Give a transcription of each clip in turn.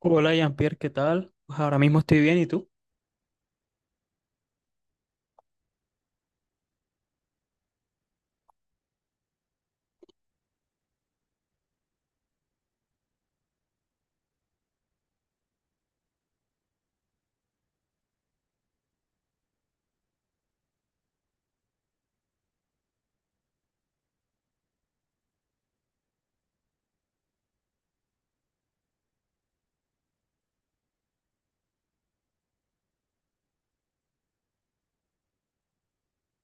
Hola Jean-Pierre, ¿qué tal? Pues ahora mismo estoy bien, ¿y tú?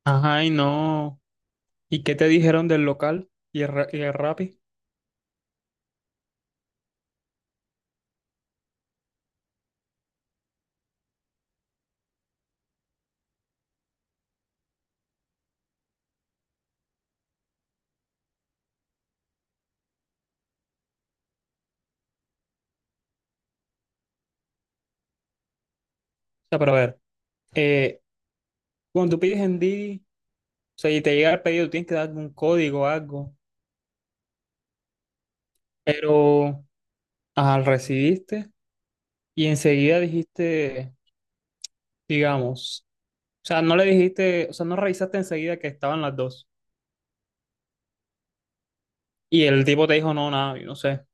Ajá, y no. ¿Y qué te dijeron del local y el, y el Rappi? O sea, pero a ver, eh, cuando tú pides en Didi, o sea, y te llega el pedido, tienes que dar un código o algo, pero ajá, lo recibiste y enseguida dijiste, digamos, o sea, no le dijiste, o sea, no revisaste enseguida que estaban las dos. Y el tipo te dijo, no, nada, yo no sé.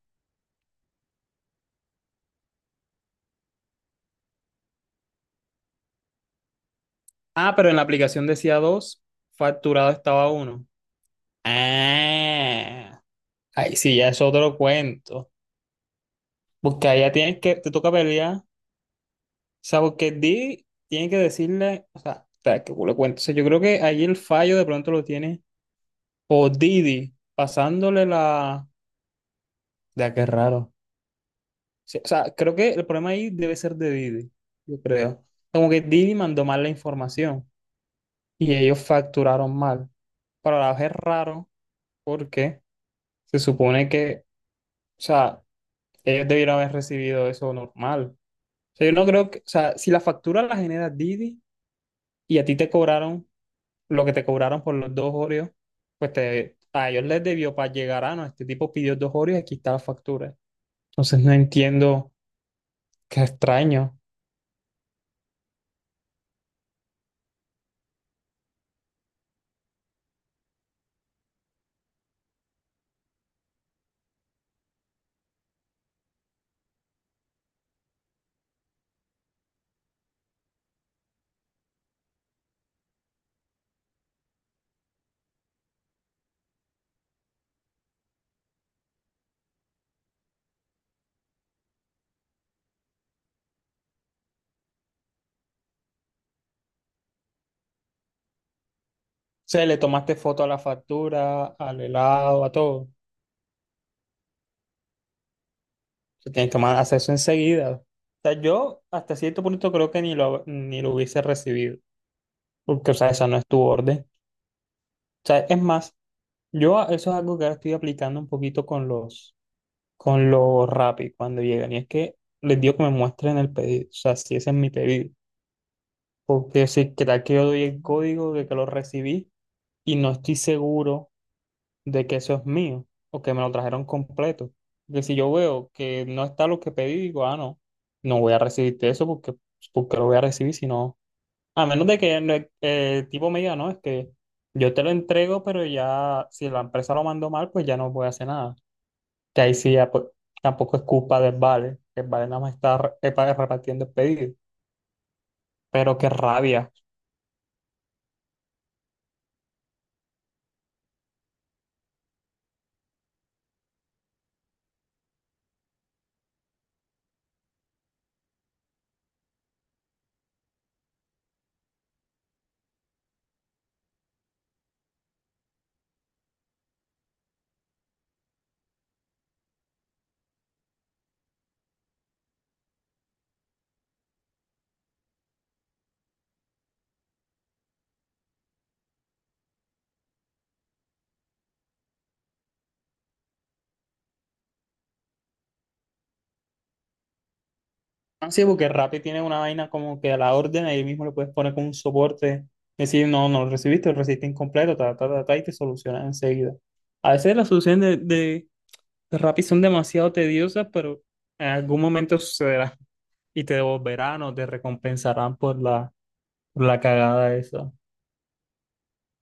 Ah, pero en la aplicación decía dos, facturado estaba uno. Ah. Ay, sí, ya es otro cuento. Porque allá tienes que, te toca pelear. O sea, porque Didi tiene que decirle, o sea, espera, que culo cuento. O sea, yo creo que ahí el fallo de pronto lo tiene. O Didi, pasándole la. Ya, qué raro. Sí, o sea, creo que el problema ahí debe ser de Didi, yo creo. Como que Didi mandó mal la información y ellos facturaron mal. Para la vez es raro porque se supone que, o sea, ellos debieron haber recibido eso normal. O sea, yo no creo que, o sea, si la factura la genera Didi y a ti te cobraron lo que te cobraron por los dos Oreos, pues te, a ellos les debió para llegar a, no, este tipo pidió dos Oreos y aquí está la factura. Entonces no entiendo, qué extraño. O sea, le tomaste foto a la factura, al helado, a todo. O sea, tienes que hacer eso enseguida. O sea, yo hasta cierto punto creo que ni lo hubiese recibido, porque, o sea, esa no es tu orden. O sea, es más, yo eso es algo que ahora estoy aplicando un poquito con lo Rappi cuando llegan. Y es que les digo que me muestren el pedido, o sea, si ese es mi pedido. Porque si tal que yo doy el código de que lo recibí y no estoy seguro de que eso es mío o que me lo trajeron completo. Porque si yo veo que no está lo que pedí, digo, ah, no, no voy a recibirte eso porque, porque lo voy a recibir, sino, a menos de que el tipo me diga, no, es que yo te lo entrego, pero ya si la empresa lo mandó mal, pues ya no voy a hacer nada que ahí sí ya, pues, tampoco es culpa del Vale, que el Vale nada más está repartiendo el pedido, pero qué rabia. Así porque Rappi tiene una vaina como que a la orden ahí mismo le puedes poner como un soporte, decir, no, no lo recibiste, lo recibiste incompleto, ta, ta, ta, ta, y te solucionan enseguida. A veces las soluciones de, de, de Rappi son demasiado tediosas, pero en algún momento sucederá y te devolverán o te recompensarán por la cagada esa.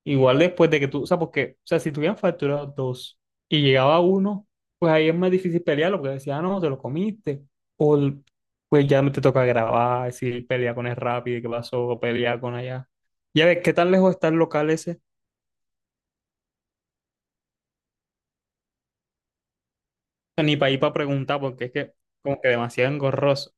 Igual después de que tú, o sea, porque, o sea, si tuvieran facturado dos y llegaba uno, pues ahí es más difícil pelearlo, porque decía, ah, no, te lo comiste, o el- pues ya no te toca grabar, decir, pelea con el Rappi, qué pasó, pelea con allá. Ya ves, ¿qué tan lejos está el local ese? O sea, ni para ir para preguntar, porque es que como que demasiado engorroso.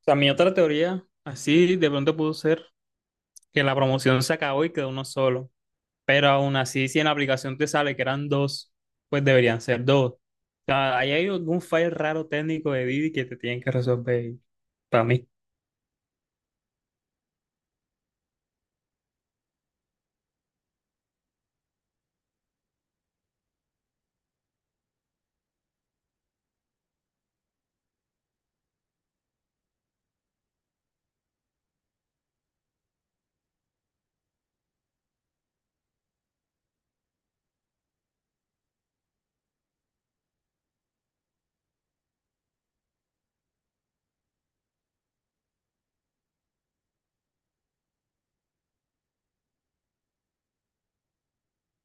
O sea, mi otra teoría, así de pronto pudo ser que la promoción se acabó y quedó uno solo. Pero aún así, si en la aplicación te sale que eran dos, pues deberían ser dos. O sea, ahí hay algún file raro técnico de Didi que te tienen que resolver para mí.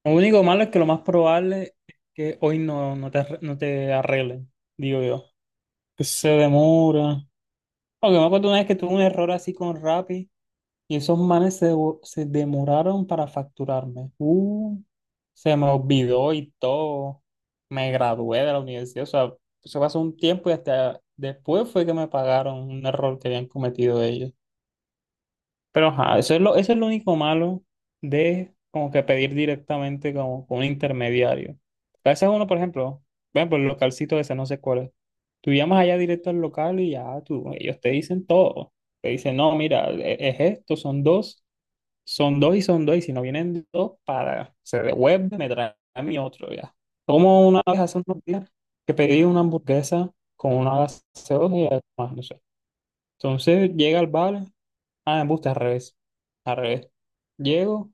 Lo único malo es que lo más probable es que hoy no, no te, no te arreglen, digo yo. Que se demora. Aunque me acuerdo una vez que tuve un error así con Rappi. Y esos manes se, se demoraron para facturarme. Se me olvidó y todo. Me gradué de la universidad. O sea, eso pasó un tiempo y hasta después fue que me pagaron un error que habían cometido ellos. Pero ajá, eso es lo único malo de como que pedir directamente como con un intermediario. A veces uno, por ejemplo, ven por el localcito ese, no sé cuál es. Tú llamas allá directo al local y ya tú, ellos te dicen todo. Te dicen, no, mira, es esto, son dos. Son dos, y si no vienen dos, para, se devuelve, me trae a mí otro ya. Como una vez hace unos días que pedí una hamburguesa con una gaseosa y algo más, no sé. Entonces llega al bar, ah, me gusta al revés, al revés. Llego,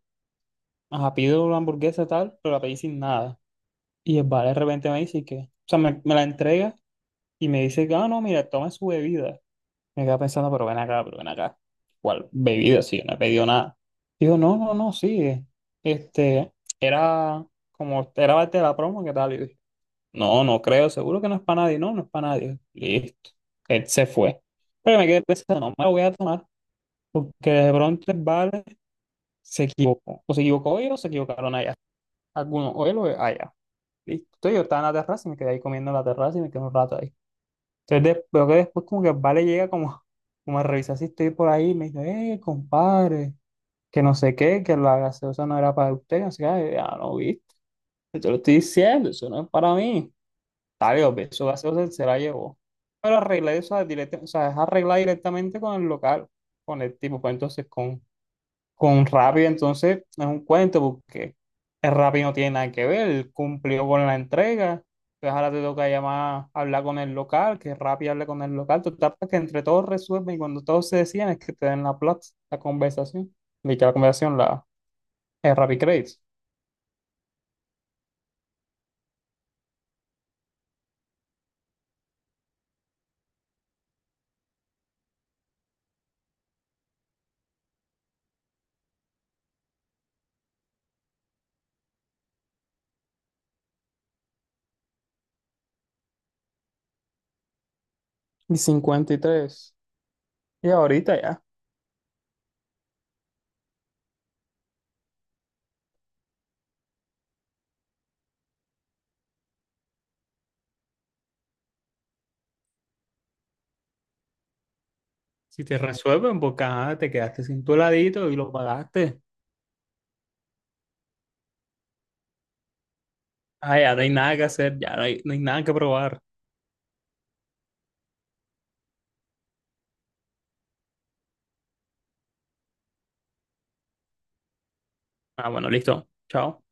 ajá, pido una hamburguesa tal, pero la pedí sin nada. Y el bar de repente me dice que, o sea, me la entrega y me dice, ah, no, mira, toma su bebida. Me quedaba pensando, pero ven acá, pero ven acá. ¿Cuál bebida? Sí, yo no he pedido nada. Digo, no, no, no, sí. Este, era como, era parte de la promo, ¿qué tal? Y dije, no, no creo, seguro que no es para nadie. No, no es para nadie. Listo. Él se fue. Pero me quedé pensando, no me la voy a tomar, porque de pronto el vale se equivocó. O se equivocó ellos o se equivocaron allá. Algunos, o él o allá. Listo. Entonces yo estaba en la terraza y me quedé ahí comiendo en la terraza y me quedé un rato ahí. Entonces veo que después como que vale llega como, como a revisar si estoy por ahí y me dice, compadre, que no sé qué, que la gaseosa no era para usted, que no sé qué, ya no viste, yo te lo estoy diciendo, eso no es para mí. Está bien, obvio, su gaseosa se la llevó. Pero arreglé eso, o sea, es arreglar directamente con el local, con el tipo, pues entonces con Rappi entonces es un cuento porque el Rappi no tiene nada que ver, él cumplió con la entrega, entonces ahora te toca llamar, hablar con el local, que Rappi hable con el local, total para que entre todos resuelven y cuando todos se decían es que te den la plata, la conversación, literal la conversación, la, el Rappi Credits. Y 53. Y tres. Y ahorita ya. Si te resuelven, porque ajá, te quedaste sin tu heladito y lo pagaste. Ah, ya no hay nada que hacer, ya no hay, no hay nada que probar. Ah, bueno, listo. Chao.